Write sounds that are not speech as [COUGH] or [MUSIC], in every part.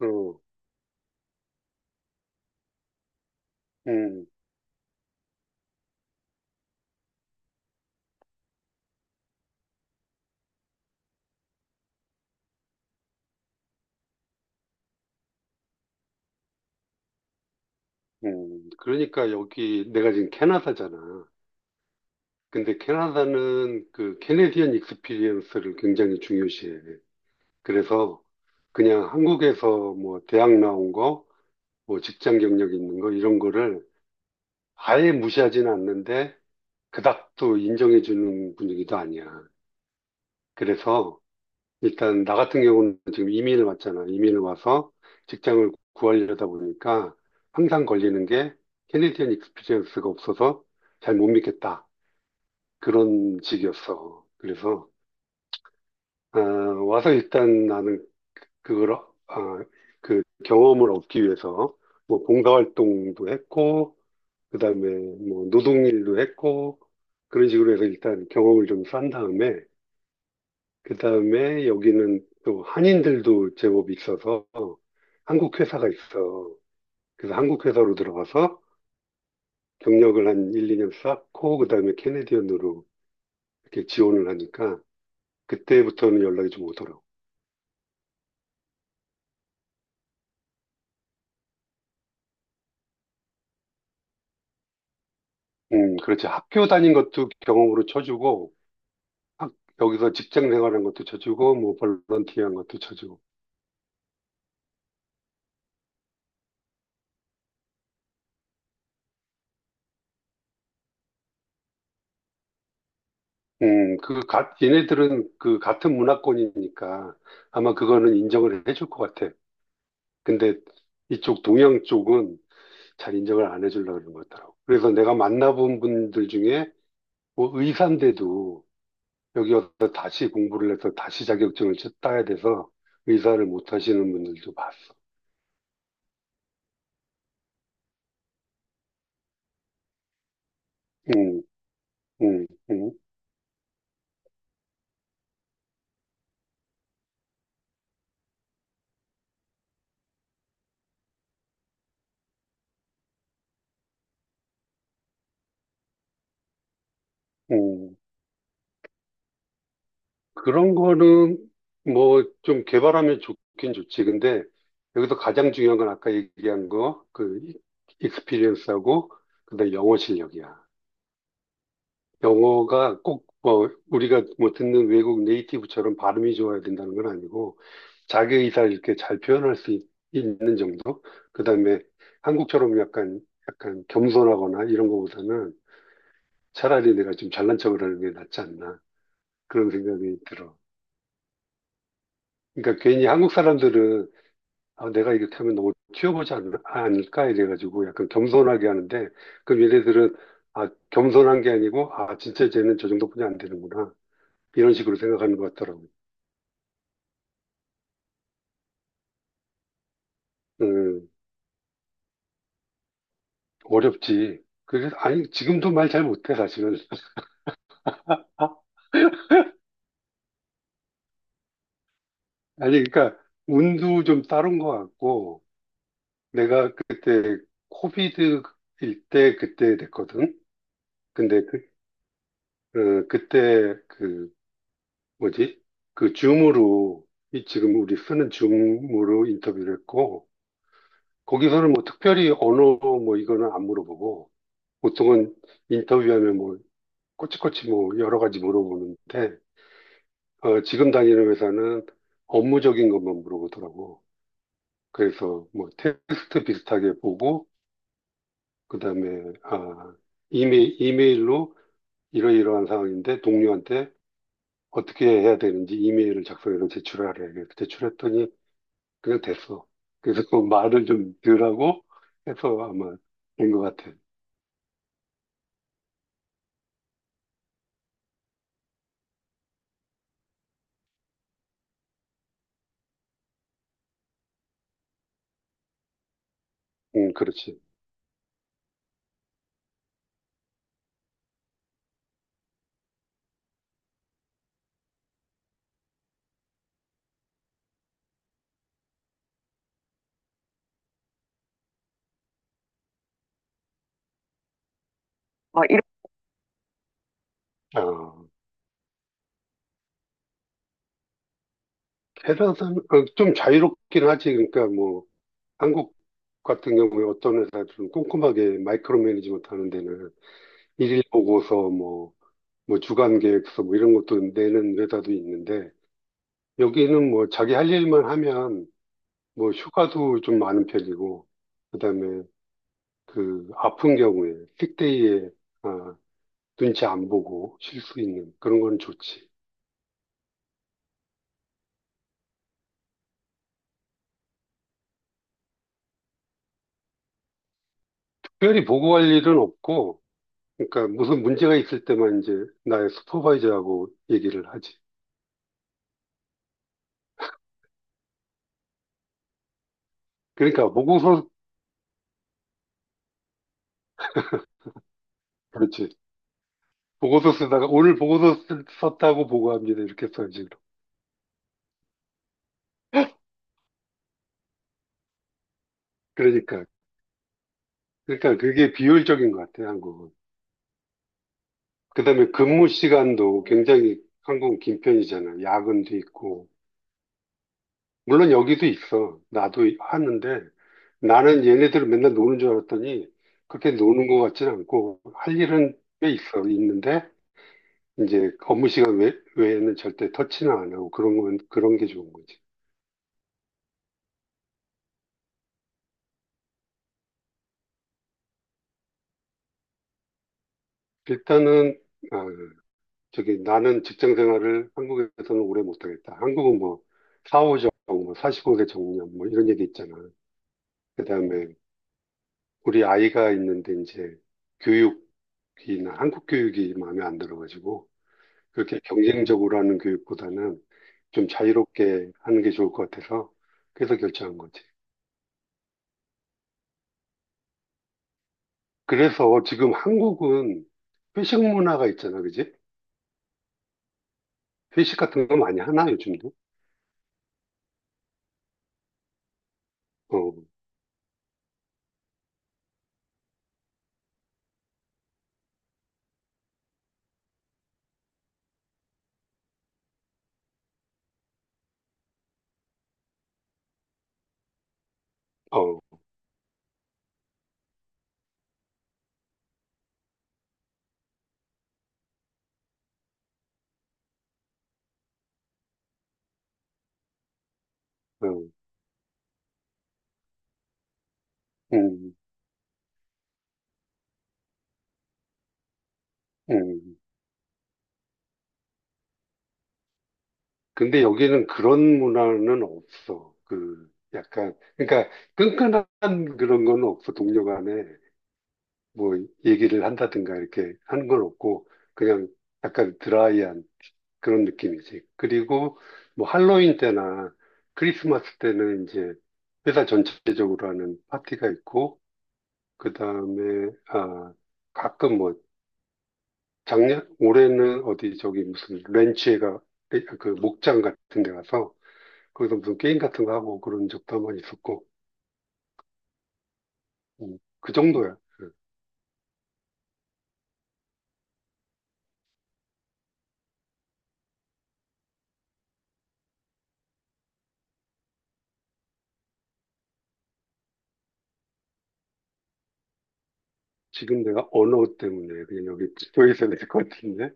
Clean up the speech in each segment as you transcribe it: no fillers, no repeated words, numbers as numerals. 어, 음, 그러니까 여기 내가 지금 캐나다잖아. 근데 캐나다는 그 캐네디언 익스피리언스를 굉장히 중요시해. 그래서 그냥 한국에서 뭐 대학 나온 거, 뭐 직장 경력 있는 거 이런 거를 아예 무시하지는 않는데 그닥 또 인정해 주는 분위기도 아니야. 그래서 일단 나 같은 경우는 지금 이민을 왔잖아. 이민을 와서 직장을 구하려다 보니까 항상 걸리는 게 캐네디언 익스피리언스가 없어서 잘 못 믿겠다. 그런 식이었어. 그래서 아, 와서 일단 나는 그걸 어- 아, 그 경험을 얻기 위해서 뭐 봉사활동도 했고 그다음에 뭐 노동일도 했고 그런 식으로 해서 일단 경험을 좀 쌓은 다음에 그 다음에 여기는 또 한인들도 제법 있어서 한국 회사가 있어. 그래서 한국 회사로 들어가서 경력을 한 1, 2년 쌓고 그다음에 캐네디언으로 이렇게 지원을 하니까 그때부터는 연락이 좀 오더라고. 그렇지. 학교 다닌 것도 경험으로 쳐주고 학- 여기서 직장 생활한 것도 쳐주고 뭐 볼런티어한 것도 쳐주고. 얘네들은 그 같은 문화권이니까 아마 그거는 인정을 해줄 것 같아. 근데 이쪽 동양 쪽은 잘 인정을 안 해주려고 그러는 것 같더라고. 그래서 내가 만나본 분들 중에 뭐 의사인데도 여기 와서 다시 공부를 해서 다시 자격증을 따야 돼서 의사를 못 하시는 분들도 봤어. 음, 음, 음, 음. 그런 거는 뭐 좀 개발하면 좋긴 좋지. 근데 여기서 가장 중요한 건 아까 얘기한 거, 그 익스피리언스하고 그다음에 영어 실력이야. 영어가 꼭 뭐 우리가 뭐 듣는 외국 네이티브처럼 발음이 좋아야 된다는 건 아니고 자기 의사를 이렇게 잘 표현할 수 있, 는 정도? 그다음에 한국처럼 약간 겸손하거나 이런 거보다는 차라리 내가 좀 잘난 척을 하는 게 낫지 않나 그런 생각이 들어. 그러니까 괜히 한국 사람들은 아, 내가 이렇게 하면 너무 않을까 이래가지고 약간 겸손하게 하는데 그럼 얘네들은 아, 겸손한 게 아니고 아, 진짜 쟤는 저 정도뿐이 안 되는구나. 이런 식으로 생각하는 것 같더라고요. 음, 어렵지. 그래서 아니, 지금도 말 잘 못해, 사실은. [LAUGHS] 아, 아니, 그러니까, 운도 좀 따른 것 같고, 내가 그때, 코비드일 때 그때 됐거든? 근데 그, 어, 그때, 그, 뭐지? 그 줌으로, 이 지금 우리 쓰는 줌으로 인터뷰를 했고, 거기서는 뭐 특별히 언어 뭐 이거는 안 물어보고, 보통은 인터뷰하면 뭐, 꼬치꼬치 뭐 여러 가지 물어보는데, 어, 지금 다니는 회사는 업무적인 것만 물어보더라고. 그래서 뭐 테스트 비슷하게 보고, 그 다음에, 이메일로 이러이러한 상황인데 동료한테 어떻게 해야 되는지 이메일을 작성해서 제출하래. 그래서 제출했더니 그냥 됐어. 그래서 그 말을 좀 덜하고 해서 아마 된 것 같아. 응, 그렇지. 아, 이 좀 자유롭긴 하지. 그러니까 뭐, 한국 같은 경우에 어떤 회사들은 꼼꼼하게 마이크로 매니지먼트 하는 데는 일일 보고서 뭐, 뭐 주간 계획서 뭐 이런 것도 내는 회사도 있는데 여기는 뭐 자기 할 일만 하면 뭐 휴가도 좀 많은 편이고 그다음에 그 아픈 경우에 식데이에 아, 눈치 안 보고 쉴 수 있는 그런 건 좋지. 특별히 보고할 일은 없고 그러니까 무슨 문제가 있을 때만 이제 나의 슈퍼바이저하고 얘기를 하지. 그러니까 보고서 그렇지. 보고서 쓰다가 오늘 보고서 쓰- 썼다고 보고합니다. 이렇게 써요, 지금. 그러니까. 그러니까 그게 비효율적인 것 같아요, 한국은. 그다음에 근무 시간도 굉장히 한국은 긴 편이잖아요. 야근도 있고. 물론 여기도 있어. 나도 하는데 나는 얘네들은 맨날 노는 줄 알았더니 그렇게 노는 것 같지는 않고 할 일은 꽤 있어. 있는데 이제 업무 시간 외에는 절대 터치는 안 하고 그런 건 그런 게 좋은 거지. 일단은 아, 저기 나는 직장 생활을 한국에서는 오래 못하겠다. 한국은 뭐 사오정뭐 45세 정년 뭐 이런 얘기 있잖아. 그다음에 우리 아이가 있는데 이제 교육이나 한국 교육이 마음에 안 들어가지고 그렇게 경쟁적으로 하는 교육보다는 좀 자유롭게 하는 게 좋을 것 같아서 그래서 결정한 거지. 그래서 지금 한국은 회식 문화가 있잖아, 그지? 회식 같은 거 많이 하나 요즘도? 어, 어, 어, 음, 음. 근데 여기는 그런 문화는 없어. 그 약간 그러니까 끈끈한 그런 건 없어. 동료 간에 뭐 얘기를 한다든가 이렇게 하는 건 없고 그냥 약간 드라이한 그런 느낌이지. 그리고 뭐 할로윈 때나 크리스마스 때는 이제 회사 전체적으로 하는 파티가 있고 그다음에 아 가끔 뭐 작년 올해는 어디 저기 무슨 렌치에가 그 목장 같은 데 가서 거기서 무슨 게임 같은 거 하고 그런 적도 한 번 있었고, 그 정도야. 그 지금 내가 언어 때문에 그냥 여기 붙어 있어야 될 것 같은데?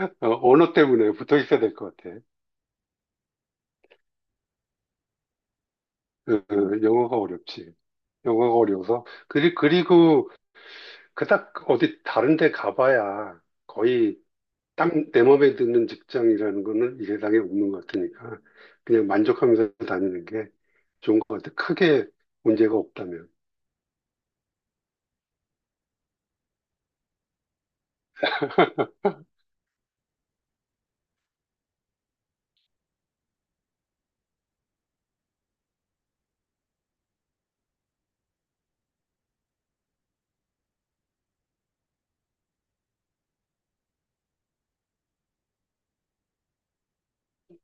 어, 언어 때문에 붙어 있어야 될 것 같아. 그 영어가 어렵지. 영어가 어려워서. 그리고 그닥 어디 다른 데 가봐야 거의 딱 내 맘에 드는 직장이라는 거는 이 세상에 없는 것 같으니까 그냥 만족하면서 다니는 게 좋은 것 같아. 크게 문제가 없다면.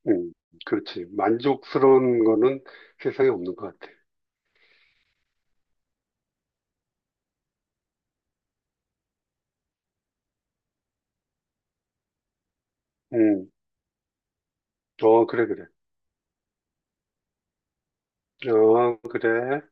음, 그렇지. 만족스러운 거는 세상에 없는 것 같아. 음, 어, 그래, 그래. 어, 그래.